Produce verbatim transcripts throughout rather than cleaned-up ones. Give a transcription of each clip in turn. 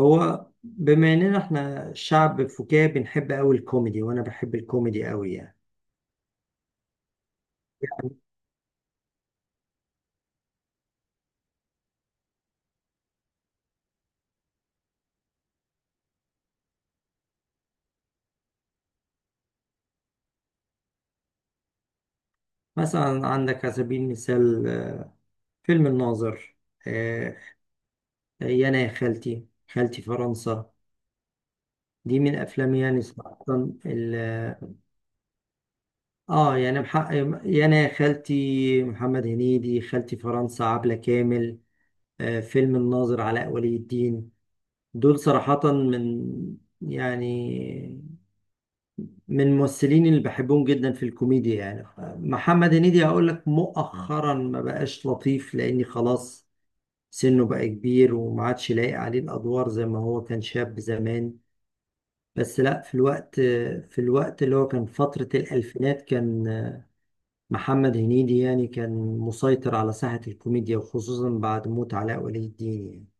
هو بما اننا احنا شعب فكاهي بنحب قوي الكوميدي، وانا بحب الكوميدي قوي. يعني مثلا عندك على سبيل المثال، آه، فيلم الناظر، آه، يا انا يا خالتي، خالتي فرنسا. دي من افلامي يعني صراحة. ال- اه يعني محقق، يا انا يا خالتي محمد هنيدي، خالتي فرنسا عبلة كامل، آه، فيلم الناظر علاء ولي الدين. دول صراحة من، يعني، من الممثلين اللي بحبهم جدا في الكوميديا يعني. ف- محمد هنيدي هقول لك مؤخرا ما بقاش لطيف لاني خلاص سنه بقى كبير وما عادش لايق عليه الادوار زي ما هو كان شاب زمان. بس لا، في الوقت في الوقت اللي هو كان فترة الألفينات، كان محمد هنيدي يعني كان مسيطر على ساحة الكوميديا، وخصوصا بعد موت علاء ولي الدين.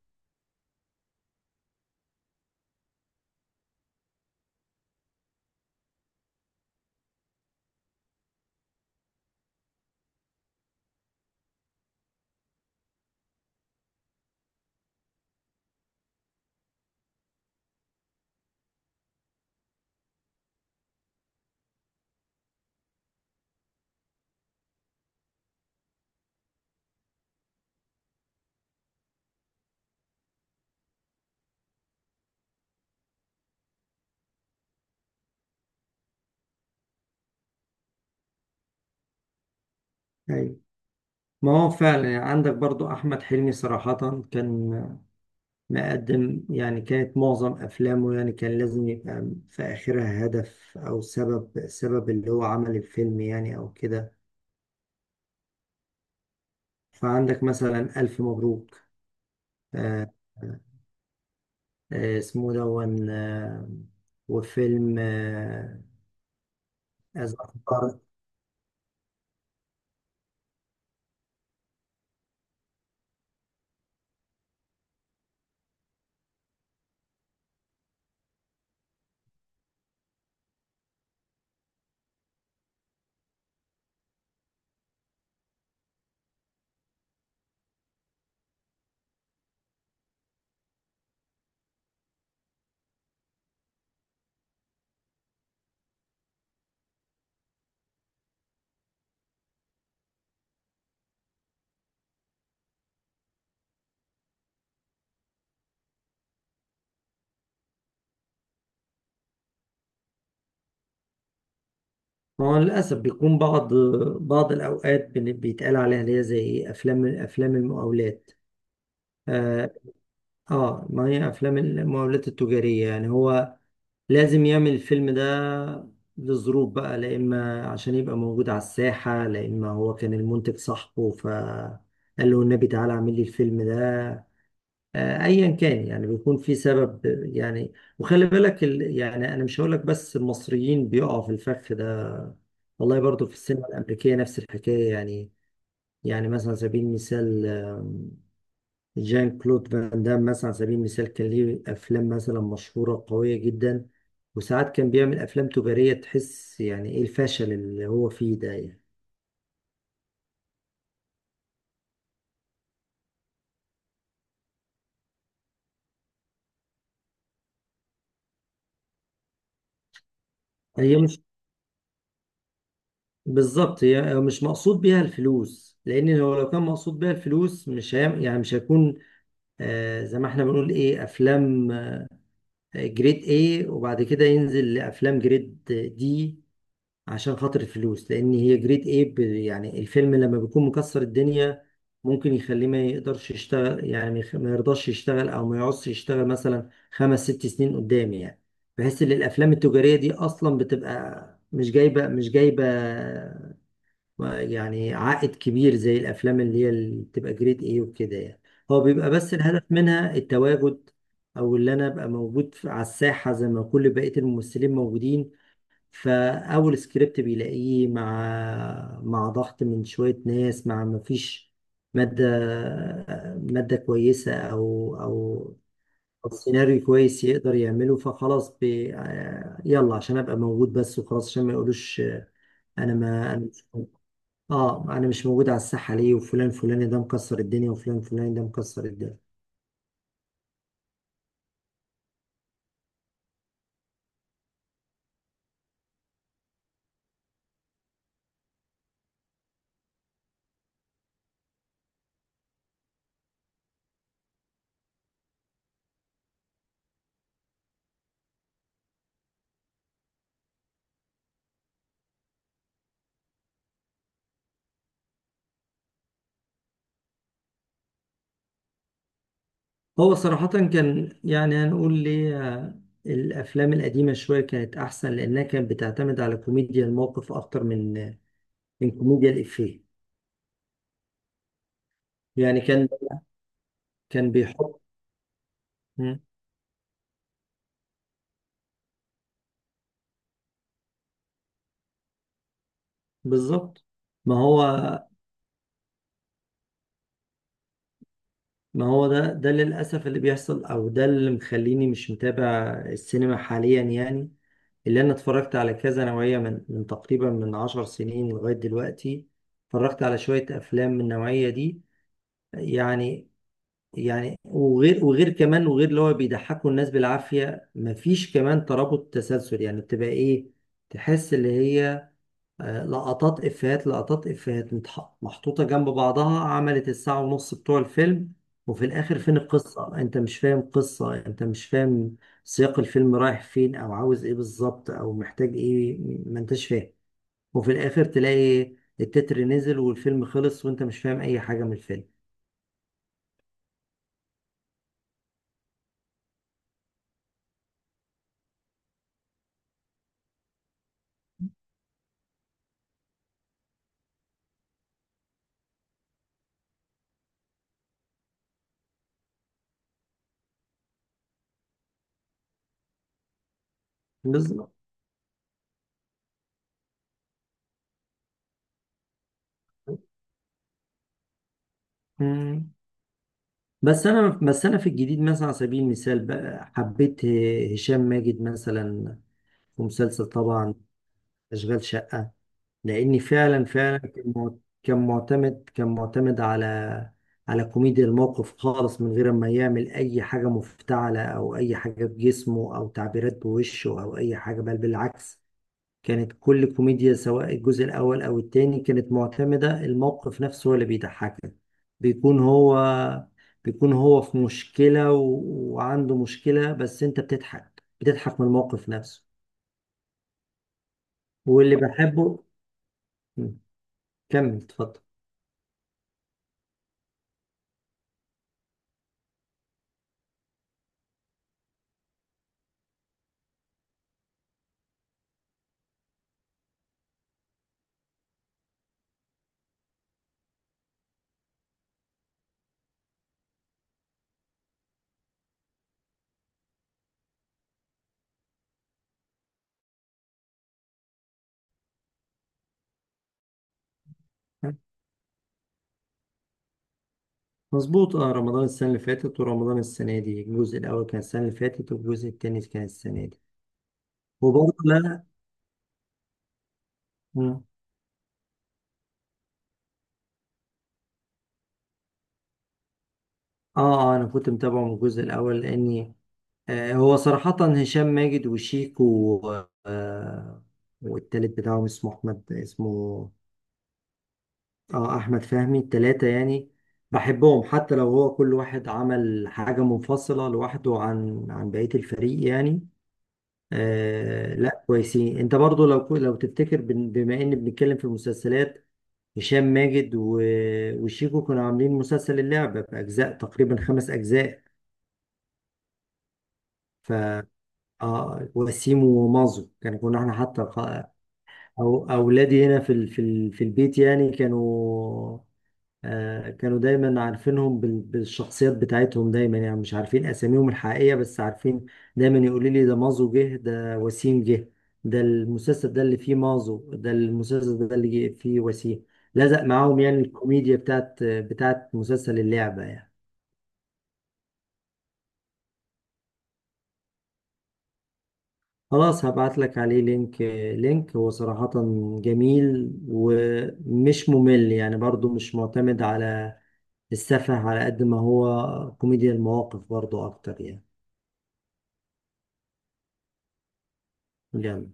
يعني أيوة. ما هو فعلا يعني عندك برضو أحمد حلمي، صراحة كان مقدم، يعني كانت معظم أفلامه يعني كان لازم يبقى في آخرها هدف أو سبب، سبب اللي هو عمل الفيلم يعني أو كده. فعندك مثلا ألف مبروك، آه، آه، اسمه دون، آه، وفيلم، آه، أذكر. هو للأسف بيكون بعض بعض الأوقات بن- بيتقال عليها اللي هي زي إيه، أفلام، أفلام المقاولات. آه, آه ما هي أفلام المقاولات التجارية، يعني هو لازم يعمل الفيلم ده لظروف بقى، لا إما عشان يبقى موجود على الساحة، لا إما هو كان المنتج صاحبه فقال له النبي تعالى اعمل لي الفيلم ده. آه، أيا كان، يعني بيكون في سبب يعني. وخلي بالك ال... يعني أنا مش هقولك بس المصريين بيقعوا في الفخ ده، والله برضو في السينما الأمريكية نفس الحكاية يعني. يعني مثلا على سبيل المثال، جان كلود فان دام مثلا على سبيل المثال كان ليه افلام مثلا مشهوره قويه جدا، وساعات كان بيعمل افلام تجاريه تحس يعني ايه الفشل اللي هو فيه ده يعني. هي مش بالظبط هي مش مقصود بيها الفلوس، لان هو لو كان مقصود بيها الفلوس مش هيعمل، يعني مش هيكون، آه زي ما احنا بنقول ايه، افلام، آه، جريد ايه، وبعد كده ينزل لافلام جريد دي عشان خاطر الفلوس. لان هي جريد ايه ب- يعني الفيلم لما بيكون مكسر الدنيا ممكن يخليه ما يقدرش يشتغل، يعني ما يخ- ما يرضاش يشتغل او ما يعوزش يشتغل مثلا خمس ست سنين قدام يعني، بحيث ان الافلام التجارية دي اصلا بتبقى مش جايبة مش جايبة ما- يعني عائد كبير زي الافلام اللي هي اللي بتبقى جريد ايه وكده يعني. هو بيبقى بس الهدف منها التواجد، او اللي انا ابقى موجود في- على الساحة زي ما كل بقية الممثلين موجودين. فأول سكريبت بيلاقيه مع مع ضغط من شوية ناس، مع مفيش مادة، مادة كويسة، أو أو أو سيناريو كويس يقدر يعمله، فخلاص بي... آه، يلا عشان أبقى موجود بس وخلاص، عشان ما يقولوش، آه، أنا، ما أنا مش موجود. آه، أنا مش موجود على الساحة ليه، وفلان فلاني ده مكسر الدنيا، وفلان فلاني ده مكسر الدنيا. هو صراحة كان، يعني هنقول ليه، آه، الأفلام القديمة شوية كانت أحسن لأنها كانت بتعتمد على كوميديا الموقف أكتر من، آه، من كوميديا الإفيه. يعني كان، كان بيحط. مم، بالظبط. ما هو ما هو ده، ده للأسف اللي بيحصل، أو ده اللي مخليني مش متابع السينما حاليا يعني. اللي أنا اتفرجت على كذا نوعية من من تقريبا من عشر سنين لغاية دلوقتي، اتفرجت على شوية أفلام من النوعية دي يعني. يعني وغير وغير كمان، وغير اللي هو بيضحكوا الناس بالعافية، مفيش كمان ترابط، تسلسل، يعني بتبقى ايه، تحس اللي هي، آه، لقطات افيهات، لقطات افيهات متح- محطوطة جنب بعضها، عملت الساعة ونص بتوع الفيلم. وفي الاخر فين القصة، انت مش فاهم قصة، انت مش فاهم سياق الفيلم رايح فين، او عاوز ايه بالظبط، او محتاج ايه، ما انتش فاهم. وفي الاخر تلاقي التتر نزل والفيلم خلص، وانت مش فاهم اي حاجة من الفيلم. بالظبط. بس انا بس انا في الجديد مثلا على سبيل المثال بقى حبيت ه- هشام ماجد مثلا في مسلسل طبعا اشغال شقة، لاني فعلا، فعلا كان مع- كان معتمد كان معتمد على، على كوميديا الموقف خالص، من غير ما يعمل اي حاجة مفتعلة او اي حاجة بجسمه او تعبيرات بوشه او اي حاجة، بل بالعكس. كانت كل كوميديا سواء الجزء الأول أو التاني كانت معتمدة الموقف نفسه هو اللي بيضحكك. بيكون هو بيكون هو في مشكلة و... وعنده مشكلة، بس أنت بتضحك بتضحك من الموقف نفسه. واللي بحبه. م. كمل، اتفضل. مظبوط، اه رمضان السنة اللي فاتت ورمضان السنة دي، الجزء الأول كان السنة اللي فاتت والجزء التاني كان السنة دي. وبرضه لا. م. اه اه، أنا كنت متابعه من الجزء الأول لأني، آه، هو صراحة هشام ماجد وشيكو و- آه، والتالت بتاعهم اسمه أحمد، اسمه، اه أحمد فهمي. التلاتة يعني بحبهم حتى لو هو كل واحد عمل حاجة منفصلة لوحده عن عن بقية الفريق يعني. آه لا كويسين. انت برضو لو كو- لو تفتكر بن- بما ان بنتكلم في المسلسلات، هشام ماجد و- وشيكو كانوا عاملين مسلسل اللعبة بأجزاء تقريبا خمس أجزاء. ف، اه وسيم ومازو كان، كنا احنا حتى أو أولادي هنا في ال- في ال- في البيت يعني كانوا، آه، كانوا دايما عارفينهم بال- بالشخصيات بتاعتهم دايما، يعني مش عارفين أساميهم الحقيقية بس عارفين. دايما يقولوا لي ده مازو جه، ده وسيم جه، ده المسلسل ده اللي فيه مازو، ده المسلسل ده اللي جه فيه وسيم. لزق معاهم يعني الكوميديا بتاعت بتاعت مسلسل اللعبة يعني. خلاص هبعت لك عليه لينك، لينك. هو صراحة جميل ومش ممل يعني، برضو مش معتمد على السفه على قد ما هو كوميديا المواقف برضو اكتر يعني. يلا